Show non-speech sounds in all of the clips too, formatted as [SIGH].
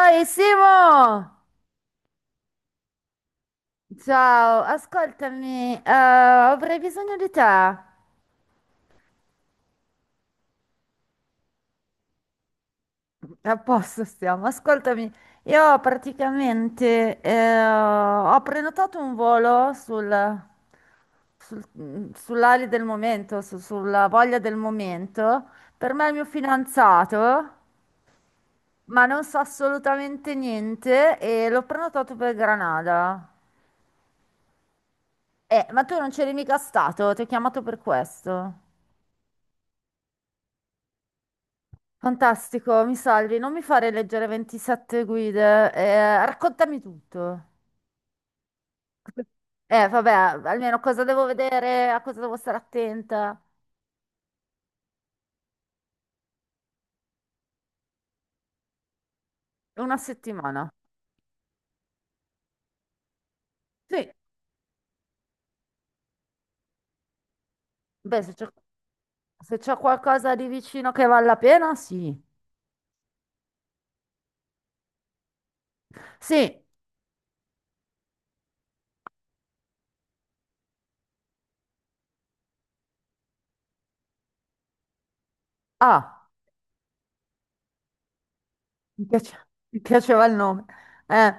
Oi Simo! Ciao, ascoltami, avrei bisogno di te. A posto stiamo, ascoltami. Io praticamente ho prenotato un volo sul, sul- mm, sull'ali del momento, su- sulla voglia del momento, per me è il mio fidanzato, ma non so assolutamente niente e l'ho prenotato per Granada. Ma tu non c'eri mica stato, ti ho chiamato per questo. Fantastico, mi salvi, non mi fare leggere 27 guide, raccontami tutto. Vabbè, almeno cosa devo vedere, a cosa devo stare attenta. Una settimana. Sì, beh, se c'è qualcosa di vicino che vale la pena, sì. Sì, ah, [LAUGHS] mi piaceva il nome. Eh,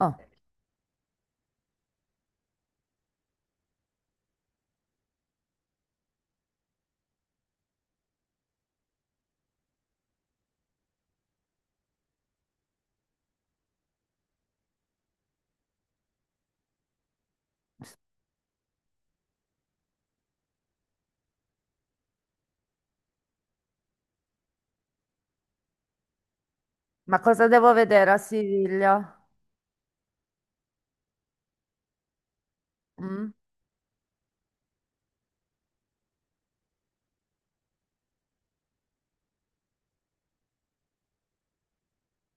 oh, ma cosa devo vedere a Siviglia? Mm?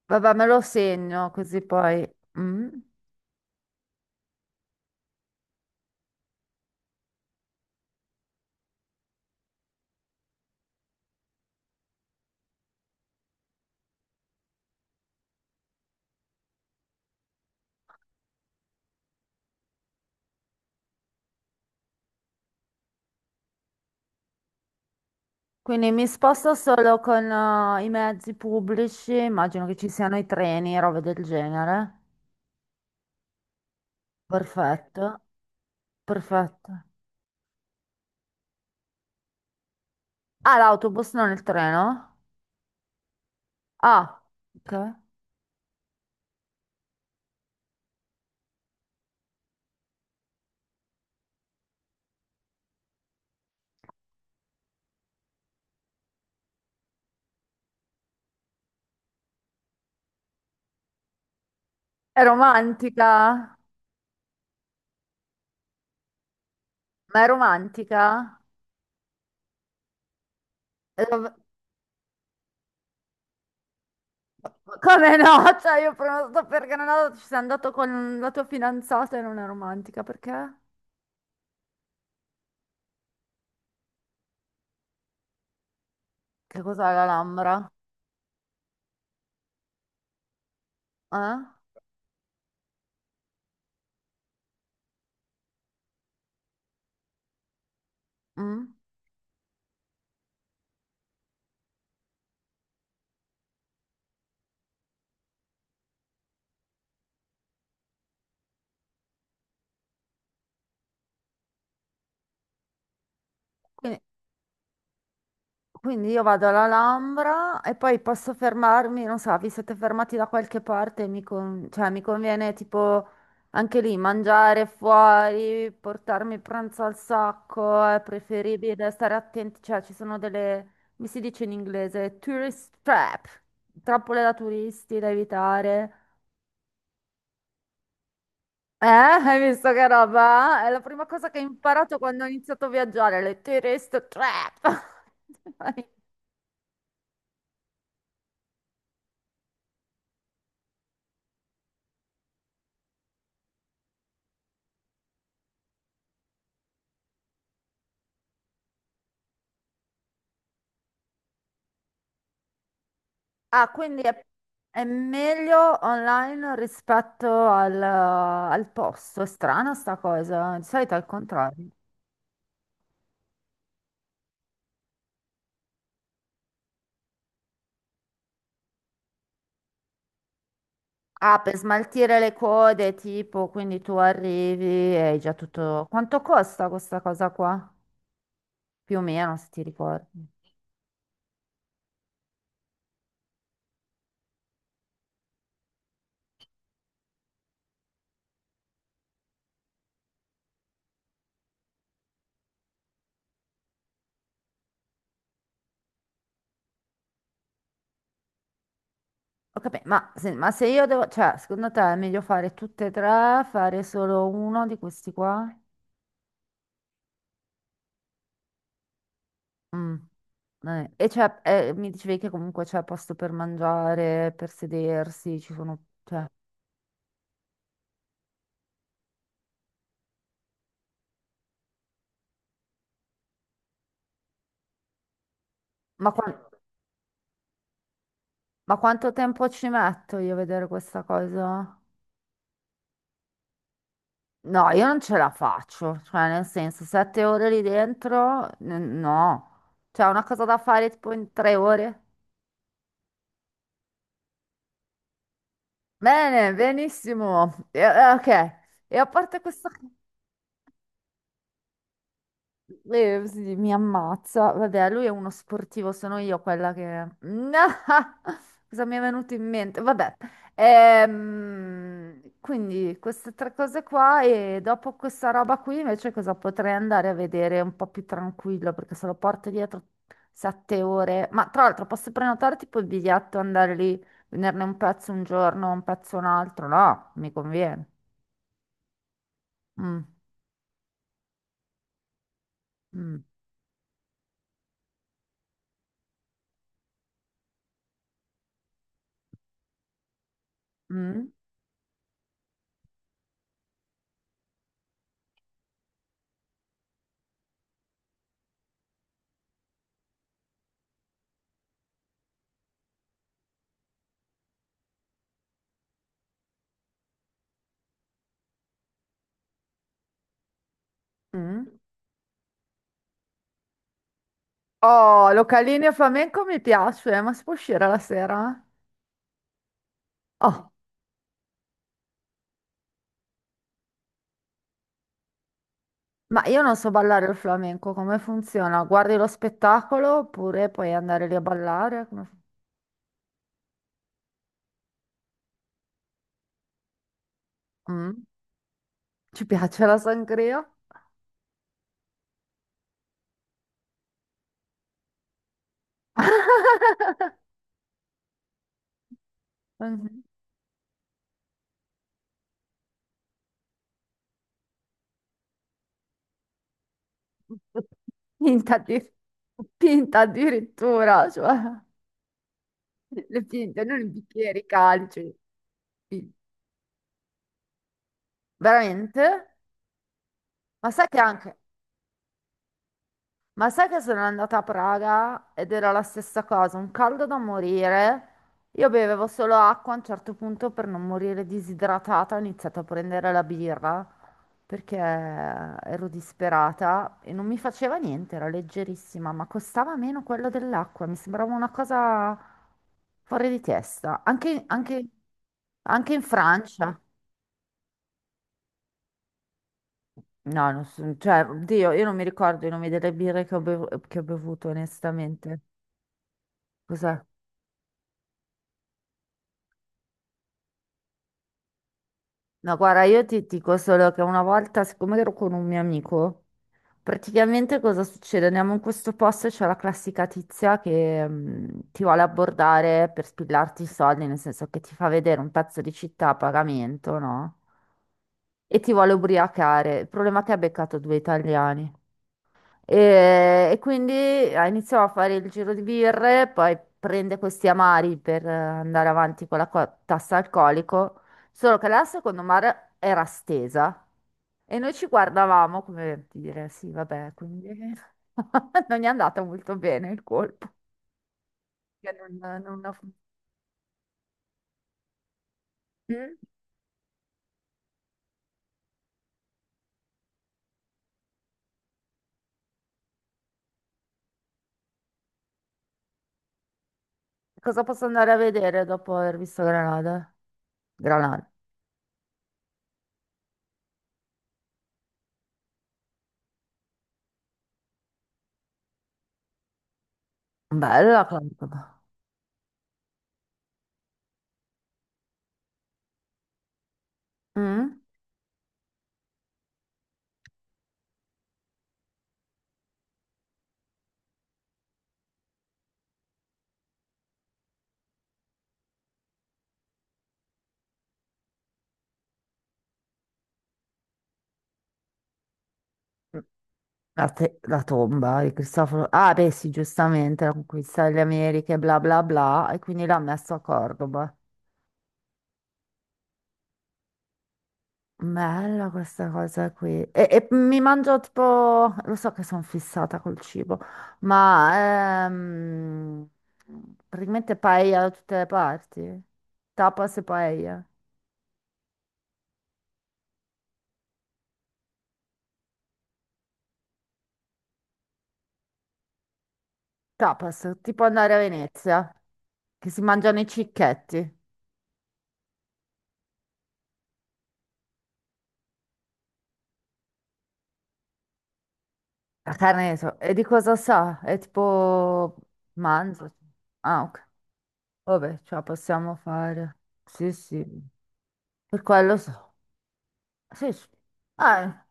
Vabbè, me lo segno così poi. Mm? Quindi mi sposto solo con i mezzi pubblici, immagino che ci siano i treni, robe del genere. Perfetto, perfetto. Ah, l'autobus, non il treno? Ah, ok. È romantica? Ma è romantica? E dov- Come no? [LAUGHS] Cioè, io prenoto per Granada, ci sei andato con la tua fidanzata e non è romantica, perché? Che cos'è l'Alhambra? Eh? Mm? Quindi- Quindi io vado all'Alhambra e poi posso fermarmi, non so, vi siete fermati da qualche parte, cioè, mi conviene tipo anche lì mangiare fuori, portarmi il pranzo al sacco, è preferibile stare attenti, cioè ci sono delle, mi si dice in inglese, tourist trap, trappole da turisti da evitare. [LAUGHS] Hai visto che roba? È la prima cosa che ho imparato quando ho iniziato a viaggiare, le tourist trap. [LAUGHS] Ah, è meglio online rispetto al, al posto. È strana sta cosa, eh, di solito è il contrario. Ah, per smaltire le code, tipo, quindi tu arrivi e hai già tutto. Quanto costa questa cosa qua? Più o meno, se ti ricordi. Ho capito, ma se io devo, cioè, secondo te è meglio fare tutte e tre, fare solo uno di questi qua? Mm. E c'è, mi dicevi che comunque c'è posto per mangiare, per sedersi, ci sono, cioè. Ma, qua- ma quanto tempo ci metto io a vedere questa cosa? No, io non ce la faccio, cioè nel senso, 7 ore lì dentro, no. C'è una cosa da fare tipo in 3 ore? Bene, benissimo. Ok, e a parte questa... E sì, mi ammazza. Vabbè, lui è uno sportivo, sono io quella che... [LAUGHS] Cosa mi è venuto in mente? Vabbè. Quindi queste tre cose qua e dopo questa roba qui invece cosa potrei andare a vedere un po' più tranquillo perché se lo porto dietro 7 ore. Ma tra l'altro posso prenotare tipo il biglietto, andare lì, venerne un pezzo un giorno, un pezzo un altro? No, mi conviene. Mm, mm, mm, mm. Oh, localino flamenco mi piace, ma si può uscire la sera? Oh, ma io non so ballare il flamenco, come funziona? Guardi lo spettacolo oppure puoi andare lì a ballare? Mm? Ci piace la sangria? [LAUGHS] Mhm. Pinta, di- pinta addirittura, cioè le pinte, non i bicchieri, i calci. Pi- Veramente? Ma sai che anche... Ma sai che sono andata a Praga ed era la stessa cosa, un caldo da morire. Io bevevo solo acqua, a un certo punto per non morire disidratata ho iniziato a prendere la birra perché ero disperata e non mi faceva niente, era leggerissima, ma costava meno quello dell'acqua, mi sembrava una cosa fuori di testa. Anche in Francia. No, non so- cioè, oddio, io non mi ricordo i nomi delle birre che ho bevuto, onestamente. Cos'è? No, guarda, io ti dico solo che una volta, siccome ero con un mio amico, praticamente cosa succede? Andiamo in questo posto e c'è la classica tizia che ti vuole abbordare per spillarti i soldi, nel senso che ti fa vedere un pezzo di città a pagamento, no? E ti vuole ubriacare. Il problema è che ha beccato due italiani. E quindi ah, iniziò a fare il giro di birre, poi prende questi amari per andare avanti con la tassa alcolico, solo che la secondo mare era stesa e noi ci guardavamo come dire, sì, vabbè, quindi [LAUGHS] non è andata molto bene il colpo. Che non- non ho- Mm? Cosa posso andare a vedere dopo aver visto Granada? Granada. Bella, comunque. Mm? La tomba di Cristoforo. Ah, beh, sì, giustamente, la conquista delle Americhe, bla bla bla, e quindi l'ha messo a Cordoba. Bella questa cosa qui. E mi mangio tipo, lo so che sono fissata col cibo, ma praticamente paella da tutte le parti. Tapas e paella. Tapas, tipo andare a Venezia, che si mangiano i cicchetti. La carne, di so- e di cosa sa? È tipo manzo. Ah, ok. Vabbè, ce la possiamo fare. Sì, sì, per quello so. Sì, sì. Ah,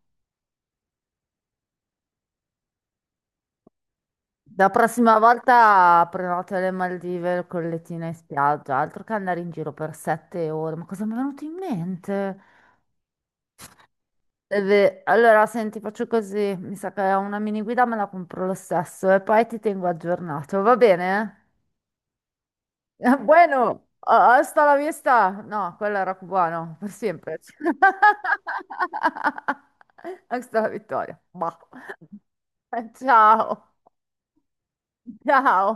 la prossima volta prenotate le Maldive con lettine in spiaggia, altro che andare in giro per 7 ore. Ma cosa mi è venuto in mente? Eh beh, allora, senti, faccio così. Mi sa che una mini guida me la compro lo stesso e poi ti tengo aggiornato, va bene? [LAUGHS] Bueno, ah, hasta la vista. No, quello era cubano, per sempre. [LAUGHS] Hasta la vittoria. Bah. [LAUGHS] Ciao. Ciao.